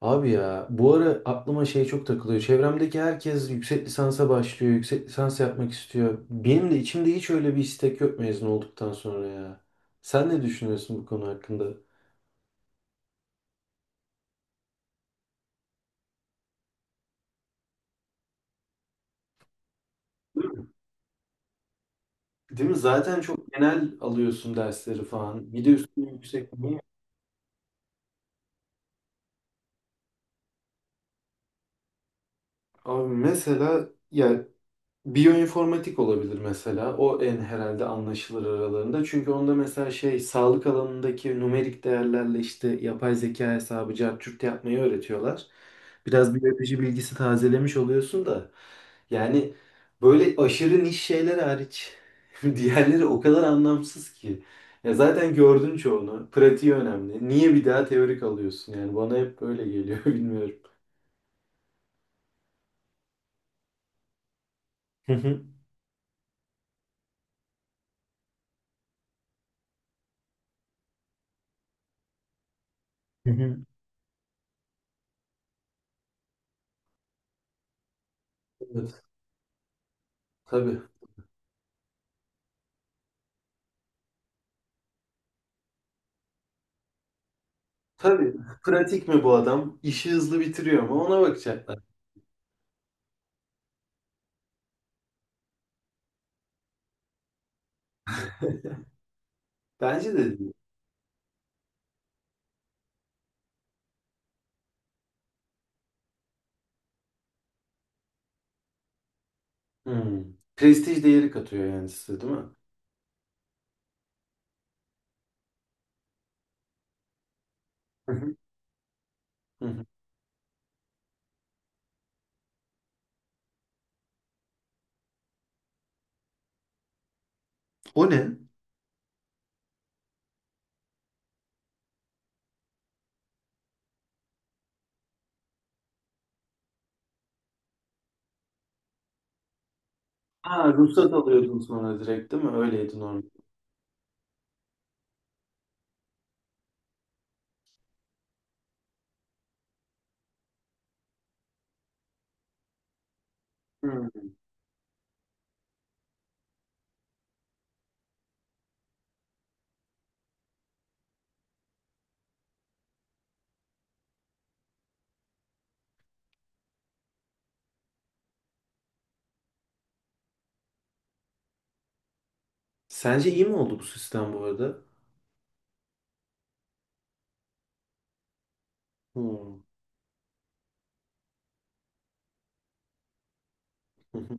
Abi ya bu ara aklıma şey çok takılıyor. Çevremdeki herkes yüksek lisansa başlıyor, yüksek lisans yapmak istiyor. Benim de içimde hiç öyle bir istek yok mezun olduktan sonra ya. Sen ne düşünüyorsun bu konu hakkında? Değil mi? Değil mi? Zaten çok genel alıyorsun dersleri falan. Bir de üstüne yüksek. Abi mesela ya biyoinformatik olabilir mesela. O en herhalde anlaşılır aralarında. Çünkü onda mesela şey sağlık alanındaki numerik değerlerle işte yapay zeka hesabı cart yapmayı öğretiyorlar. Biraz biyoloji bilgisi tazelemiş oluyorsun da. Yani böyle aşırı niş şeyler hariç diğerleri o kadar anlamsız ki. Ya zaten gördün çoğunu. Pratiği önemli. Niye bir daha teorik alıyorsun? Yani bana hep böyle geliyor, bilmiyorum. Hı hı. Hı hı. Evet, tabii. Tabii, pratik mi bu adam? İşi hızlı bitiriyor mu? Ona bakacaklar. Bence de değil. Hmm. Prestij değeri katıyor yani size, değil mi? Hı hı. Hı hı. O ne? Ha, ruhsat alıyordun sonra direkt değil mi? Öyleydi normal. Hmm. Sence iyi mi oldu bu sistem bu arada? Hmm. Hı hı.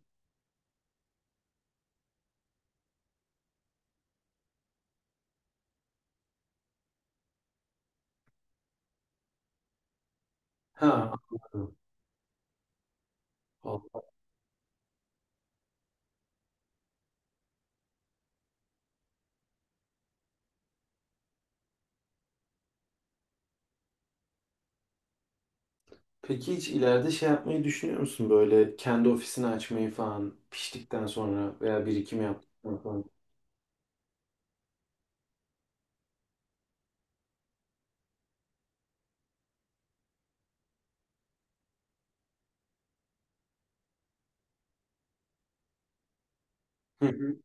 Ha, anladım. Anladım. Peki hiç ileride şey yapmayı düşünüyor musun? Böyle kendi ofisini açmayı falan piştikten sonra veya birikim yaptıktan sonra. Hı hı.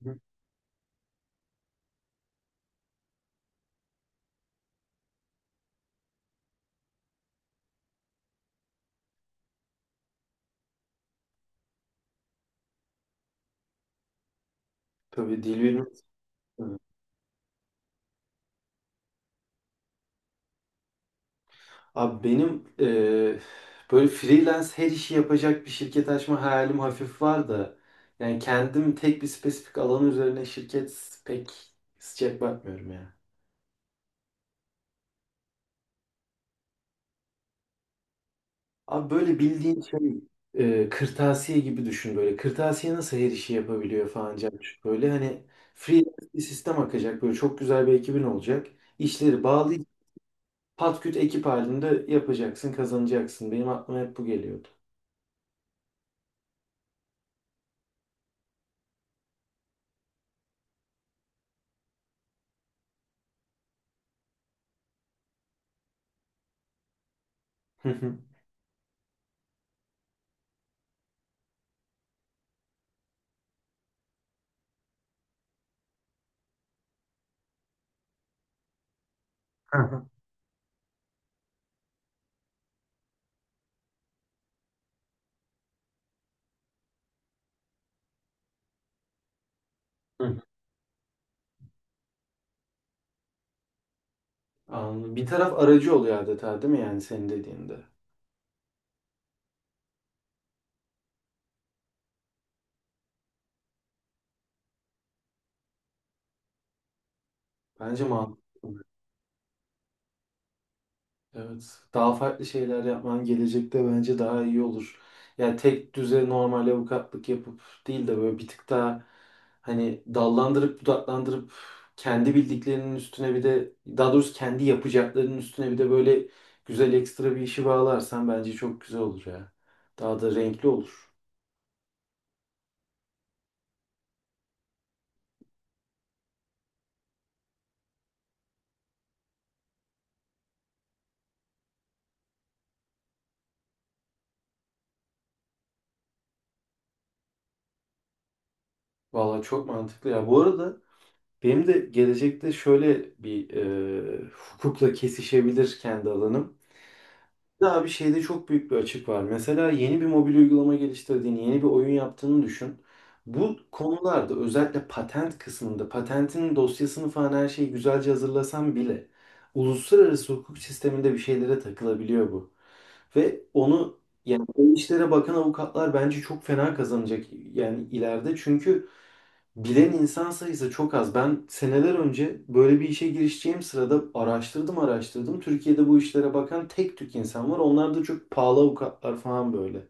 Tabii, dil bilmez. Abi benim böyle freelance her işi yapacak bir şirket açma hayalim hafif var da yani kendim tek bir spesifik alan üzerine şirket pek sıcak bakmıyorum ya. Abi böyle bildiğin şey kırtasiye gibi düşün böyle. Kırtasiye nasıl her işi yapabiliyor falan Cemşit? Böyle hani freelance bir sistem akacak, böyle çok güzel bir ekibin olacak. İşleri bağlı patküt ekip halinde yapacaksın, kazanacaksın. Benim aklıma hep bu geliyordu. Hı hı. Hı hı. Hı hı. Anladım. Bir taraf aracı oluyor adeta, değil mi yani senin dediğinde? Bence mantıklı. Evet. Daha farklı şeyler yapman gelecekte bence daha iyi olur. Yani tek düze normal avukatlık yapıp değil de böyle bir tık daha hani dallandırıp budaklandırıp kendi bildiklerinin üstüne bir de, daha doğrusu kendi yapacaklarının üstüne bir de böyle güzel ekstra bir işi bağlarsan bence çok güzel olur ya. Daha da renkli olur. Valla çok mantıklı ya. Bu arada benim de gelecekte şöyle bir hukukla kesişebilir kendi alanım. Daha bir şeyde çok büyük bir açık var. Mesela yeni bir mobil uygulama geliştirdiğini, yeni bir oyun yaptığını düşün. Bu konularda özellikle patent kısmında, patentin dosyasını falan her şeyi güzelce hazırlasan bile uluslararası hukuk sisteminde bir şeylere takılabiliyor bu. Ve onu yani o işlere bakan avukatlar bence çok fena kazanacak yani ileride. Çünkü bilen insan sayısı çok az. Ben seneler önce böyle bir işe girişeceğim sırada araştırdım. Türkiye'de bu işlere bakan tek tük insan var. Onlar da çok pahalı avukatlar falan böyle.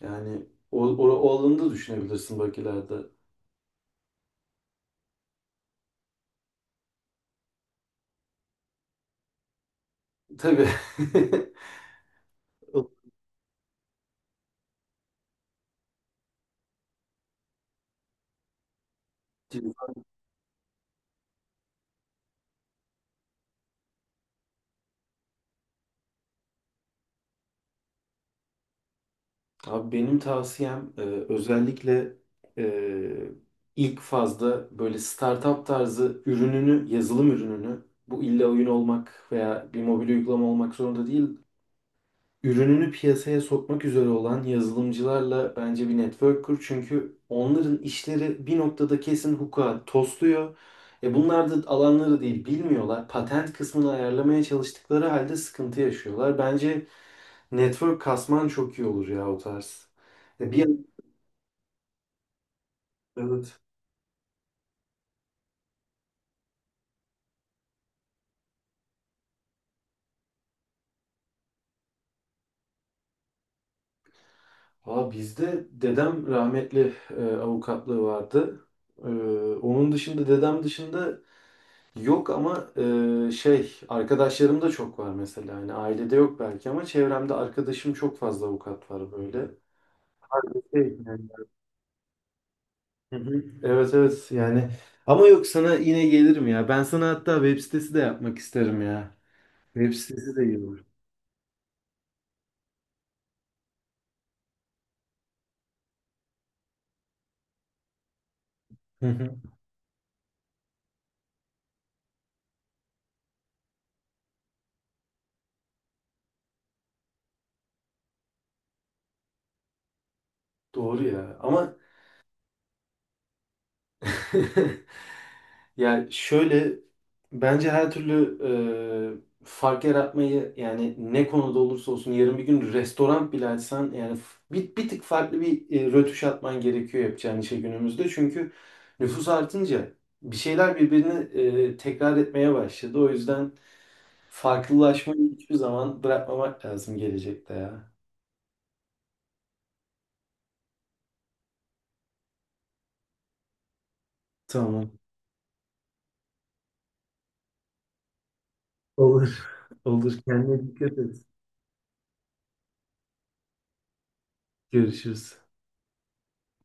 Yani o alanı da düşünebilirsin bak ileride. Tabii. Abi benim tavsiyem özellikle e, ilk fazda böyle startup tarzı ürününü, yazılım ürününü, bu illa oyun olmak veya bir mobil uygulama olmak zorunda değil. Ürününü piyasaya sokmak üzere olan yazılımcılarla bence bir network kur. Çünkü onların işleri bir noktada kesin hukuka tosluyor. E bunlar da alanları değil, bilmiyorlar. Patent kısmını ayarlamaya çalıştıkları halde sıkıntı yaşıyorlar. Bence network kasman çok iyi olur ya o tarz. E bir evet. Aa, bizde dedem rahmetli avukatlığı vardı. E, onun dışında, dedem dışında yok ama şey arkadaşlarım da çok var mesela. Yani ailede yok belki ama çevremde arkadaşım çok fazla avukat var böyle. Şey, yani. Hı hı. Evet, evet, yani ama yok, sana yine gelirim ya. Ben sana hatta web sitesi de yapmak isterim ya. Web sitesi de iyi olur. Hı hı. Doğru ya ama ya şöyle bence her türlü fark yaratmayı, yani ne konuda olursa olsun yarın bir gün restoran bile açsan, yani bir tık farklı bir rötuş atman gerekiyor yapacağın işe günümüzde. Çünkü nüfus artınca bir şeyler birbirini tekrar etmeye başladı. O yüzden farklılaşmayı hiçbir zaman bırakmamak lazım gelecekte ya. Tamam. Olur. Olur. Kendine dikkat et. Görüşürüz.